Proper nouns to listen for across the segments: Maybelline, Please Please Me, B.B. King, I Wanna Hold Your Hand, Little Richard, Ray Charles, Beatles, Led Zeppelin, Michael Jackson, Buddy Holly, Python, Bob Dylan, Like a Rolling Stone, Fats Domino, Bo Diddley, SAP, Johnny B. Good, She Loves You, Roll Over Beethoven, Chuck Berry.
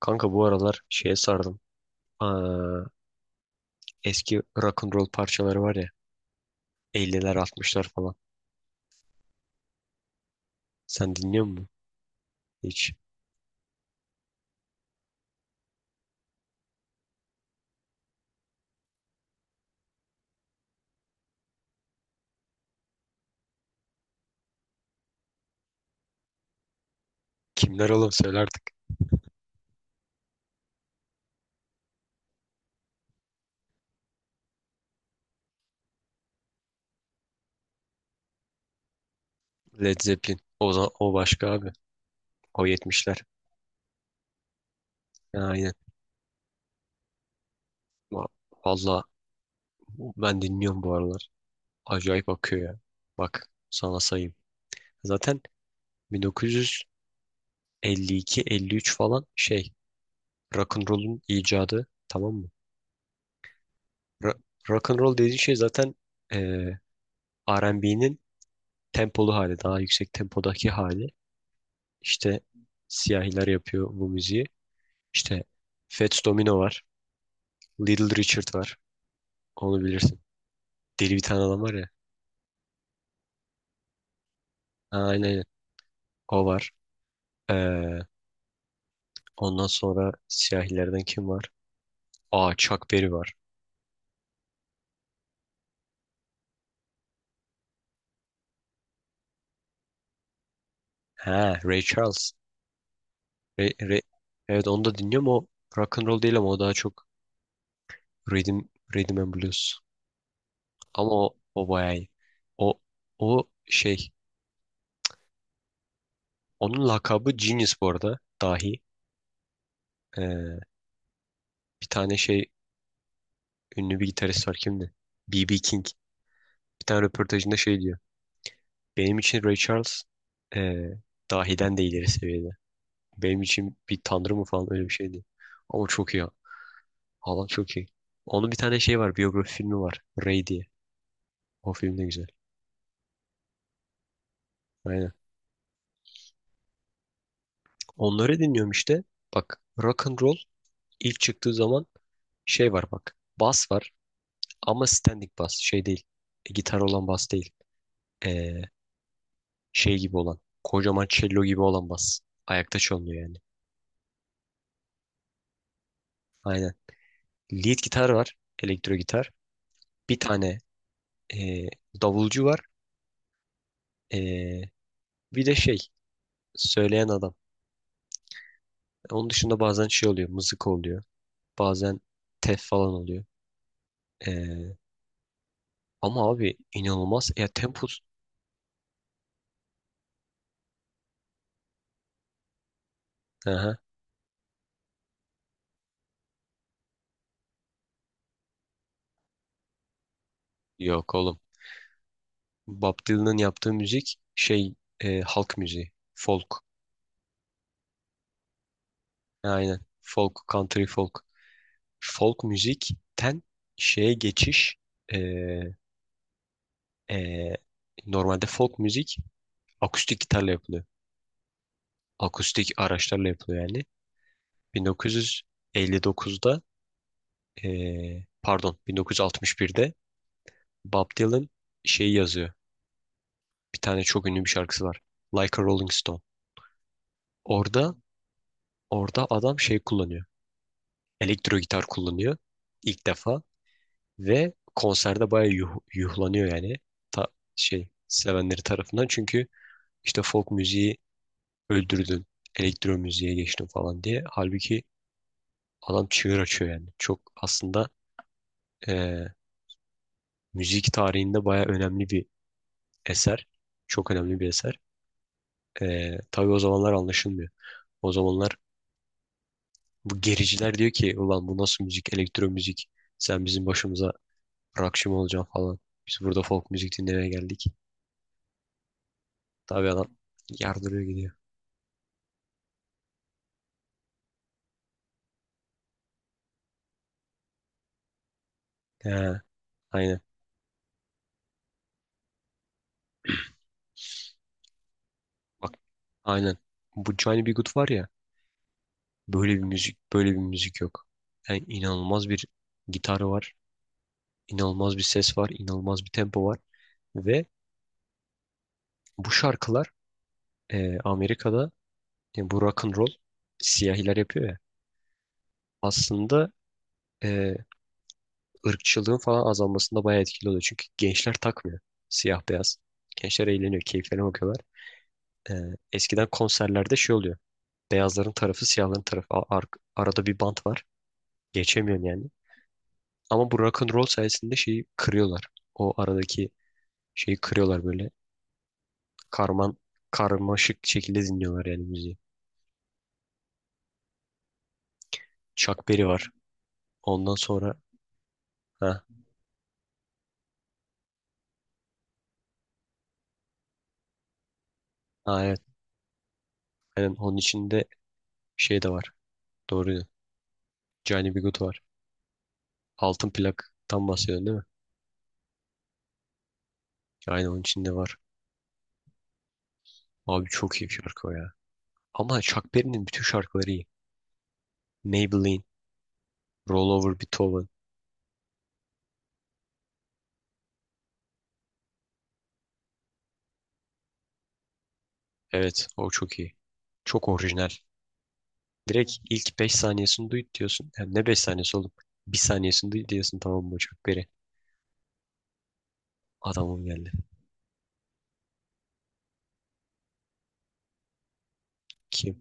Kanka bu aralar şeye sardım. Aa, eski rock and roll parçaları var ya. 50'ler 60'lar falan. Sen dinliyor musun? Hiç. Kimler oğlum söyle artık. Led Zeppelin. O başka abi. O 70'ler. Ha, aynen. Va- Valla ben dinliyorum bu aralar. Acayip akıyor ya. Bak sana sayayım. Zaten 1952-53 falan şey. Rock and roll'un icadı, tamam mı? Ra rock and roll dediğin şey zaten eee R&B'nin tempolu hali, daha yüksek tempodaki hali. İşte siyahiler yapıyor bu müziği. İşte Fats Domino var. Little Richard var. Onu bilirsin. Deli bir tane adam var ya. Ha, aynen aynen. O var. Ee, ondan sonra siyahilerden kim var? Aa, Chuck Berry var. Ha, Ray Charles. Ray- Ray- Evet, onu da dinliyorum. O rock and roll değil ama o daha çok rhythm, rhythm and blues. Ama o bayağı iyi. O, o şey. Onun lakabı Genius, bu arada. Dahi. Ee, Bir tane şey ünlü bir gitarist var kimdi? B.B. King. Bir tane röportajında şey diyor. Benim için Ray Charles, eee dahiden de ileri seviyede. Benim için bir tanrı mı falan öyle bir şey şeydi. Ama çok iyi. Haaland çok iyi. Onun bir tane şey var. Biyografi filmi var, Ray diye. O film de güzel. Aynen. Onları dinliyorum işte. Bak, rock and roll ilk çıktığı zaman şey var bak. Bas var ama standing bas. Şey değil. Gitar olan bas değil. E, Şey gibi olan. Kocaman cello gibi olan bas. Ayakta çalınıyor yani. Aynen. Lead gitar var. Elektro gitar. Bir tane e, davulcu var. E, bir de şey söyleyen adam. Onun dışında bazen şey oluyor. Mızık oluyor. Bazen tef falan oluyor. E, ama abi inanılmaz. Ya tempo. Aha. Yok oğlum. Bob Dylan'ın yaptığı müzik şey, halk müziği. Folk. Aynen. Folk, country folk. Folk müzikten şeye geçiş, e, e, normalde folk müzik akustik gitarla yapılıyor. Akustik araçlarla yapılıyor yani. 1959'da, e, pardon, 1961'de Bob Dylan şeyi yazıyor. Bir tane çok ünlü bir şarkısı var: Like a Rolling Stone. Orada orada adam şey kullanıyor. Elektro gitar kullanıyor ilk defa ve konserde bayağı yuhlanıyor yani. Ta, şey sevenleri tarafından. Çünkü İşte folk müziği öldürdün, elektro müziğe geçtin falan diye. Halbuki adam çığır açıyor yani. Çok aslında, eee, müzik tarihinde baya önemli bir eser. Çok önemli bir eser. Tabii o zamanlar anlaşılmıyor. O zamanlar bu gericiler diyor ki ulan bu nasıl müzik, elektro müzik. Sen bizim başımıza rockçı mı olacaksın falan. Biz burada folk müzik dinlemeye geldik. Tabii adam yardırıyor gidiyor. He, aynen. Bak, aynen. Bu Johnny B. Good var ya. Böyle bir müzik, böyle bir müzik yok. Yani inanılmaz bir gitarı var, inanılmaz bir ses var, inanılmaz bir tempo var ve bu şarkılar, Amerika'da, bu rock and roll siyahiler yapıyor ya. Aslında e, ırkçılığın falan azalmasında bayağı etkili oluyor. Çünkü gençler takmıyor siyah beyaz. Gençler eğleniyor, keyiflerine bakıyorlar. E, eskiden konserlerde şey oluyor. Beyazların tarafı, siyahların tarafı. Arada bir bant var. Geçemiyorsun yani. Ama bu rock and roll sayesinde şeyi kırıyorlar, o aradaki şeyi kırıyorlar böyle. Karman karmaşık şekilde dinliyorlar yani müziği. Chuck Berry var. Ondan sonra, ha, ha evet. Aynen, onun içinde şey de var. Doğru ya. Johnny B. Good var. Altın plaktan bahsediyorsun değil mi? Aynen, onun içinde var. Abi çok iyi bir şarkı o ya. Ama Chuck Berry'nin bütün şarkıları iyi. Maybelline, Roll Over Beethoven. Evet, o çok iyi. Çok orijinal. Direkt ilk 5 saniyesini duy diyorsun. Yani ne 5 saniyesi oğlum? Bir saniyesini duy diyorsun, tamam mı Chuck Berry? Adamım geldi. Ki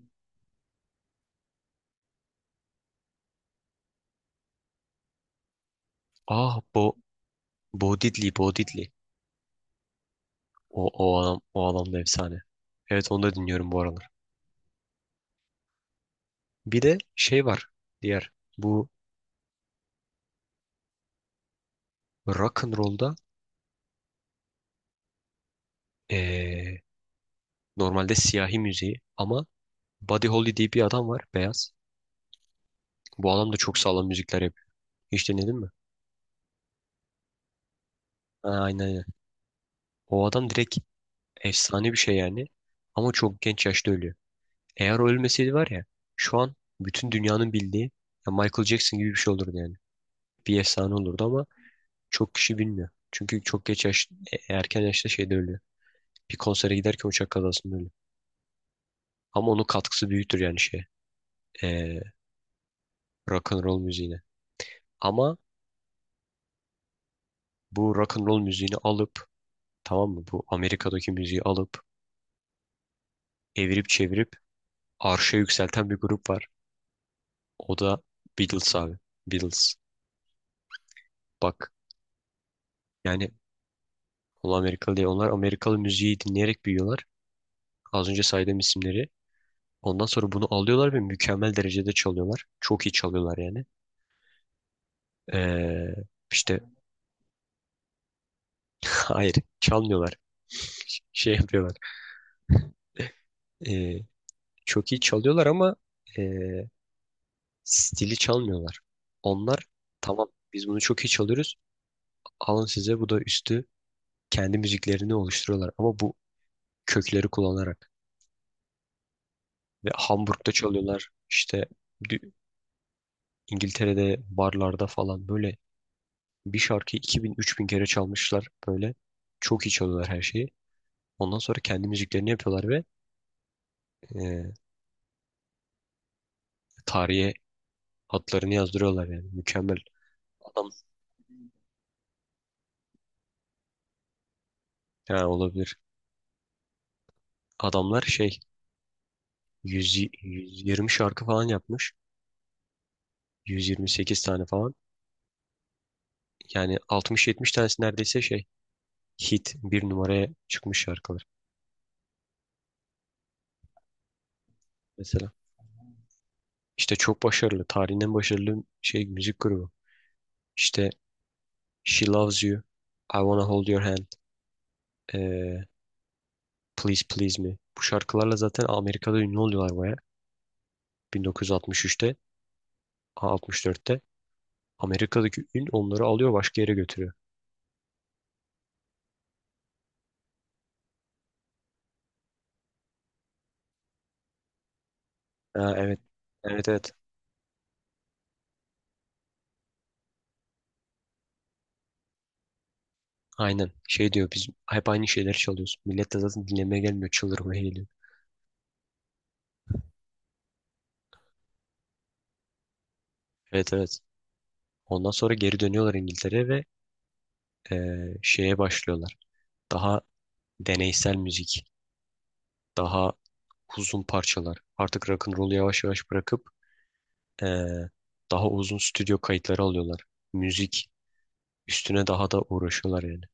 Ah Bo Bo Diddley, Bo Diddley. O adam da efsane. Evet, onu da dinliyorum bu aralar. Bir de şey var diğer bu rock and roll'da, eee, normalde siyahi müziği ama Buddy Holly diye bir adam var, beyaz. Bu adam da çok sağlam müzikler yapıyor. Hiç dinledin mi? Ha, aynen aynen. O adam direkt efsane bir şey yani ama çok genç yaşta ölüyor. Eğer o ölmeseydi var ya, şu an bütün dünyanın bildiği, ya Michael Jackson gibi bir şey olurdu yani. Bir efsane olurdu ama çok kişi bilmiyor. Çünkü çok geç yaş, erken yaşta şeyde ölüyor. Bir konsere giderken uçak kazasında ölüyor. Ama onun katkısı büyüktür yani şey. E, rock and roll müziğine. Ama bu rock and roll müziğini alıp, tamam mı? Bu Amerika'daki müziği alıp evirip çevirip arşa yükselten bir grup var. O da Beatles abi. Beatles. Bak yani onlar Amerikalı değil. Onlar Amerikalı müziği dinleyerek büyüyorlar. Az önce saydığım isimleri. Ondan sonra bunu alıyorlar ve mükemmel derecede çalıyorlar. Çok iyi çalıyorlar yani. Ee, işte hayır, çalmıyorlar. Şey yapıyorlar. Ee, çok iyi çalıyorlar ama ee, stili çalmıyorlar. Onlar, tamam, biz bunu çok iyi çalıyoruz. Alın size bu da üstü, kendi müziklerini oluşturuyorlar. Ama bu kökleri kullanarak. Ve Hamburg'da çalıyorlar. İşte dü- İngiltere'de barlarda falan böyle bir şarkıyı 2000-3000 kere çalmışlar. Böyle çok iyi çalıyorlar her şeyi. Ondan sonra kendi müziklerini yapıyorlar ve, ee, tarihe adlarını yazdırıyorlar yani. Mükemmel. Adam Ha, olabilir. Adamlar şey 100, 120 şarkı falan yapmış. 128 tane falan. Yani 60-70 tanesi neredeyse şey hit bir numaraya çıkmış şarkılar mesela. İşte çok başarılı. Tarihin en başarılı şey müzik grubu. İşte She Loves You, I Wanna Hold Your Hand, eee, Please Please Me. Bu şarkılarla zaten Amerika'da ünlü oluyorlar baya. 1963'te, ha, 64'te. Amerika'daki ün onları alıyor başka yere götürüyor. Ha, evet. Evet evet. Aynen. Şey diyor biz hep aynı şeyleri çalıyoruz. Millet de zaten dinlemeye gelmiyor, çıldırmaya geliyor. Evet evet. Ondan sonra geri dönüyorlar İngiltere'ye ve, şeye başlıyorlar. Daha deneysel müzik. Daha uzun parçalar. Artık rock'n'roll'u yavaş yavaş bırakıp, eee, daha uzun stüdyo kayıtları alıyorlar. Müzik üstüne daha da uğraşıyorlar yani.